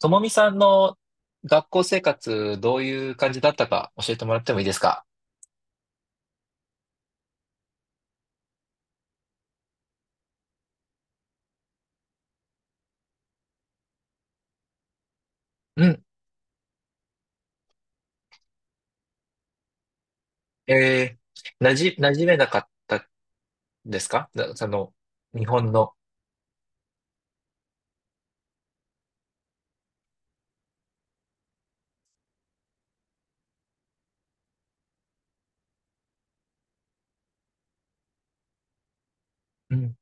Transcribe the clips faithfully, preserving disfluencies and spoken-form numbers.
ともみさんの学校生活、どういう感じだったか教えてもらってもいいですか？うん。えー、なじ、馴染めなかったですか？なその、日本の？うん。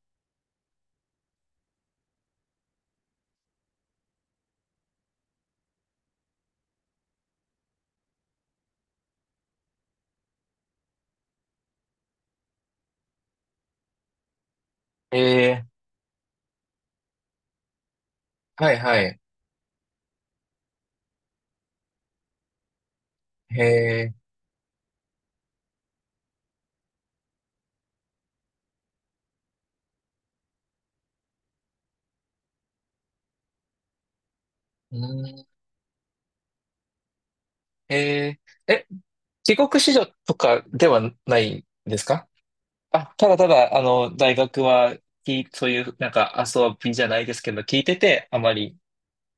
えー、はいはい。えー、うん、えー、え、帰国子女とかではないですか？あ、ただただ、あの、大学は、きそういう、なんか遊びじゃないですけど、聞いてて、あまり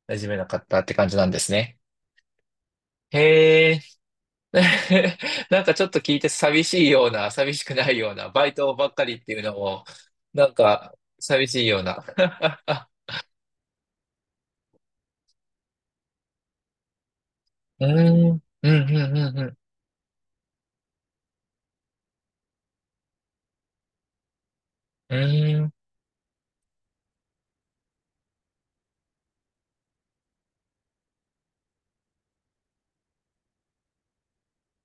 馴染めなかったって感じなんですね。へ、ね。 なんかちょっと聞いて寂しいような、寂しくないような、バイトばっかりっていうのも、なんか寂しいような。うーん、うん、うん、うん、うん。うーん、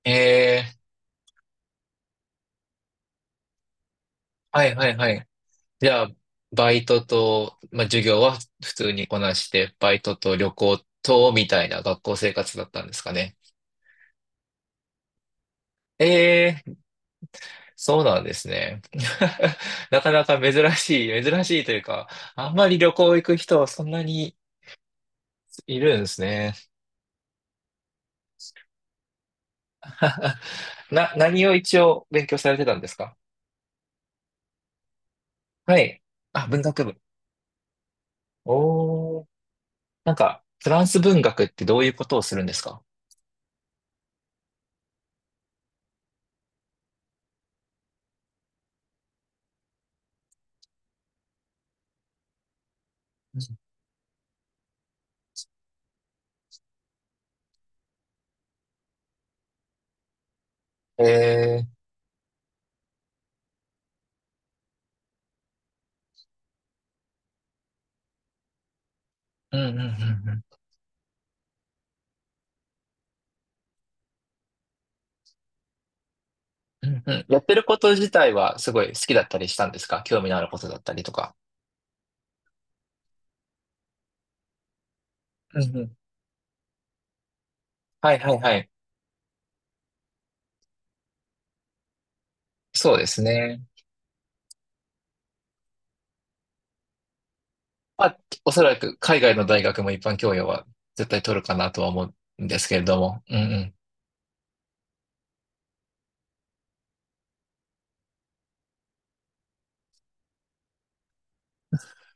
えー、はい、はい、はい。じゃあ、バイトと、まあ、授業は普通にこなして、バイトと旅行と、みたいな学校生活だったんですかね。ええ、そうなんですね。なかなか珍しい、珍しいというか、あんまり旅行行く人はそんなにいるんですね。な、何を一応勉強されてたんですか？はい。あ、文学部。おー。なんか、フランス文学ってどういうことをするんですか？ええー。うんうんうんうん。うんうん。やってること自体はすごい好きだったりしたんですか？興味のあることだったりとか。うんうん。はいはいはい。そうですね。まあ、おそらく海外の大学も一般教養は絶対取るかなとは思うんですけれども。うん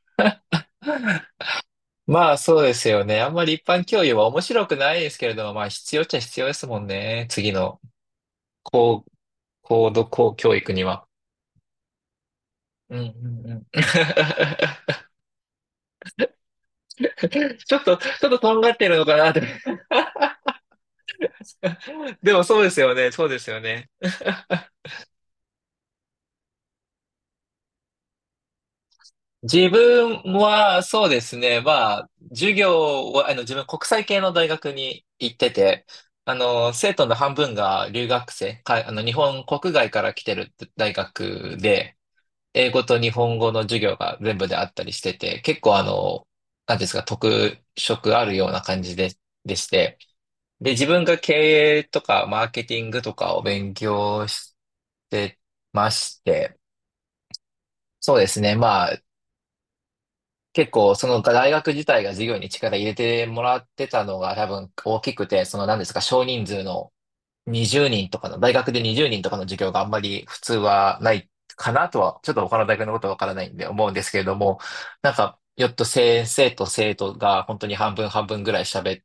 うん。まあそうですよね。あんまり一般教養は面白くないですけれども、まあ必要っちゃ必要ですもんね。次の高、高度高教育には。うんうんうん。ちょっと、ちょっととんがってるのかなって。でもそうですよね。そうですよね。自分はそうですね。まあ、授業は、あの、自分国際系の大学に行ってて、あの、生徒の半分が留学生、か、あの、日本国外から来てる大学で、英語と日本語の授業が全部であったりしてて、結構あの、なんていうんですか、特色あるような感じで、でして、で、自分が経営とかマーケティングとかを勉強してまして、そうですね、まあ、結構その大学自体が授業に力入れてもらってたのが多分大きくて、その何ですか、少人数のにじゅうにんとかの、大学でにじゅうにんとかの授業があんまり普通はないかなとは、ちょっと他の大学のことはわからないんで思うんですけれども、なんか、よっと先生と生徒が本当に半分半分ぐらい喋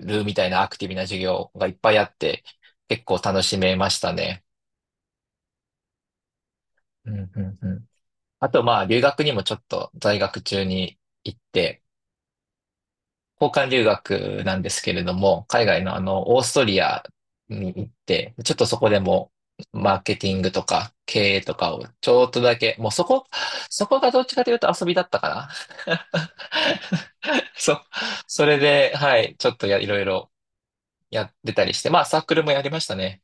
るみたいなアクティブな授業がいっぱいあって、結構楽しめましたね。うんうんうん。あとまあ、留学にもちょっと在学中に行って、交換留学なんですけれども、海外のあの、オーストリアに行って、ちょっとそこでも、マーケティングとか経営とかをちょっとだけ、もうそこ、そこがどっちかというと遊びだったかな。そ、それで、はい、ちょっとや、いろいろやってたりして、まあサークルもやりましたね。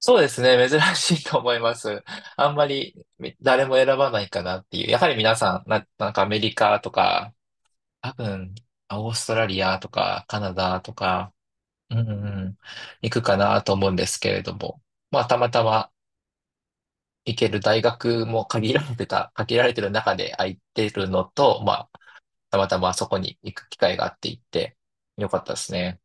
そうですね、珍しいと思います。あんまり誰も選ばないかなっていう。やはり皆さん、な、なんかアメリカとか、多分、オーストラリアとか、カナダとか、うんうん、行くかなと思うんですけれども、まあ、たまたま行ける大学も限られてた、限られてる中で空いてるのと、まあ、たまたまそこに行く機会があって行って、よかったですね。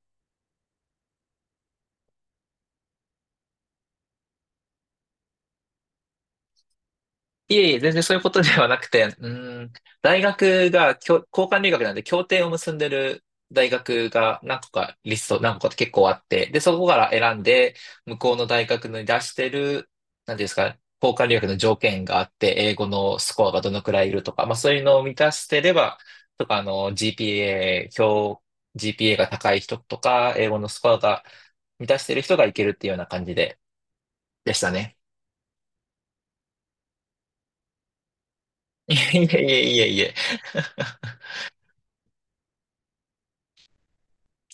いえいえ、全然そういうことではなくて、うん、大学がきょ交換留学なんで協定を結んでる大学が何個かリスト、何個かって結構あって、で、そこから選んで、向こうの大学に出してる、なんていうんですか、交換留学の条件があって、英語のスコアがどのくらいいるとか、まあそういうのを満たしてれば、とか、あの、ジーピーエー、表、ジーピーエー が高い人とか、英語のスコアが満たしてる人がいけるっていうような感じで、でしたね。いえいえいえいえいえ。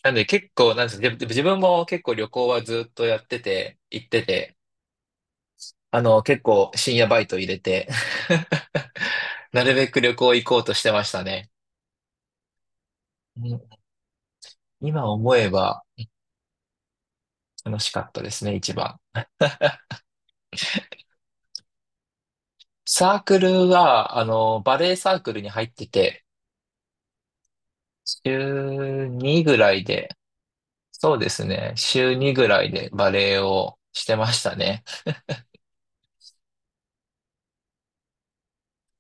なんで結構、なんですか、自自分も結構旅行はずっとやってて、行ってて、あの、結構深夜バイト入れて なるべく旅行行こうとしてましたね。うん。今思えば楽しかったですね、一番。サークルは、あの、バレエサークルに入ってて、週にぐらいで、そうですね、週にぐらいでバレエをしてましたね。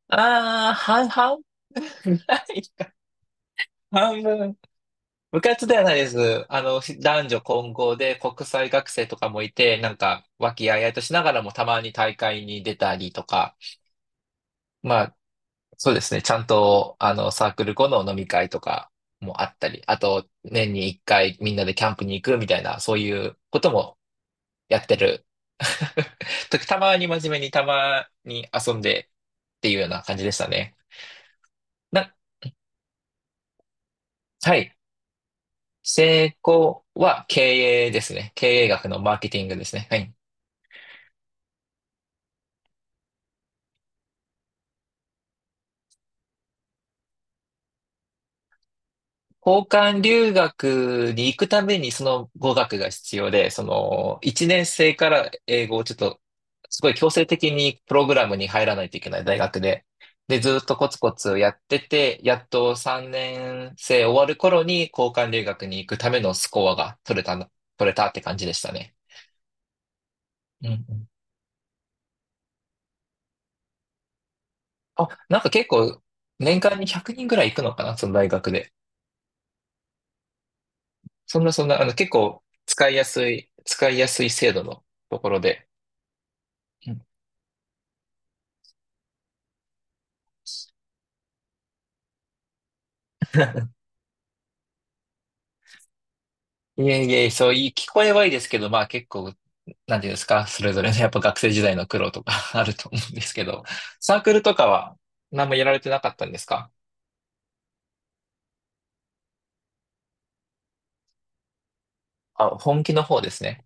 ああ、半々 ないか。 半分。部活ではないです。あの、し男女混合で国際学生とかもいて、なんか、和気あいあいとしながらもたまに大会に出たりとか、まあ、そうですね。ちゃんと、あの、サークル後の飲み会とかもあったり、あと、年に一回みんなでキャンプに行くみたいな、そういうこともやってる。時たまに真面目に、たまに遊んでっていうような感じでしたね。な、はい。成功は経営ですね。経営学のマーケティングですね。はい。交換留学に行くためにその語学が必要で、そのいちねん生から英語をちょっとすごい強制的にプログラムに入らないといけない大学で。で、ずっとコツコツやってて、やっとさんねん生終わる頃に交換留学に行くためのスコアが取れたの、取れたって感じでしたね。うんうん。あ、なんか結構年間にひゃくにんぐらい行くのかな、その大学で。そんなそんな、あの結構使いやすい、使いやすい制度のところで。うん。いえいえ、そういい、聞こえはいいですけど、まあ結構、なんていうんですか、それぞれのやっぱ学生時代の苦労とか あると思うんですけど、サークルとかは何もやられてなかったんですか？あ、本気の方ですね。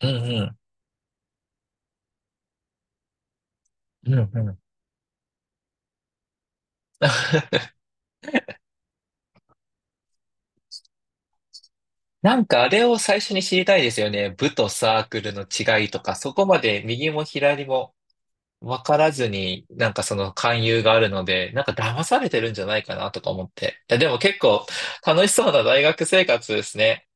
うんうん。うんうん。なんかあれを最初に知りたいですよね。部とサークルの違いとか、そこまで右も左も分からずに、なんかその勧誘があるので、なんか騙されてるんじゃないかなとか思って。いやでも結構楽しそうな大学生活ですね。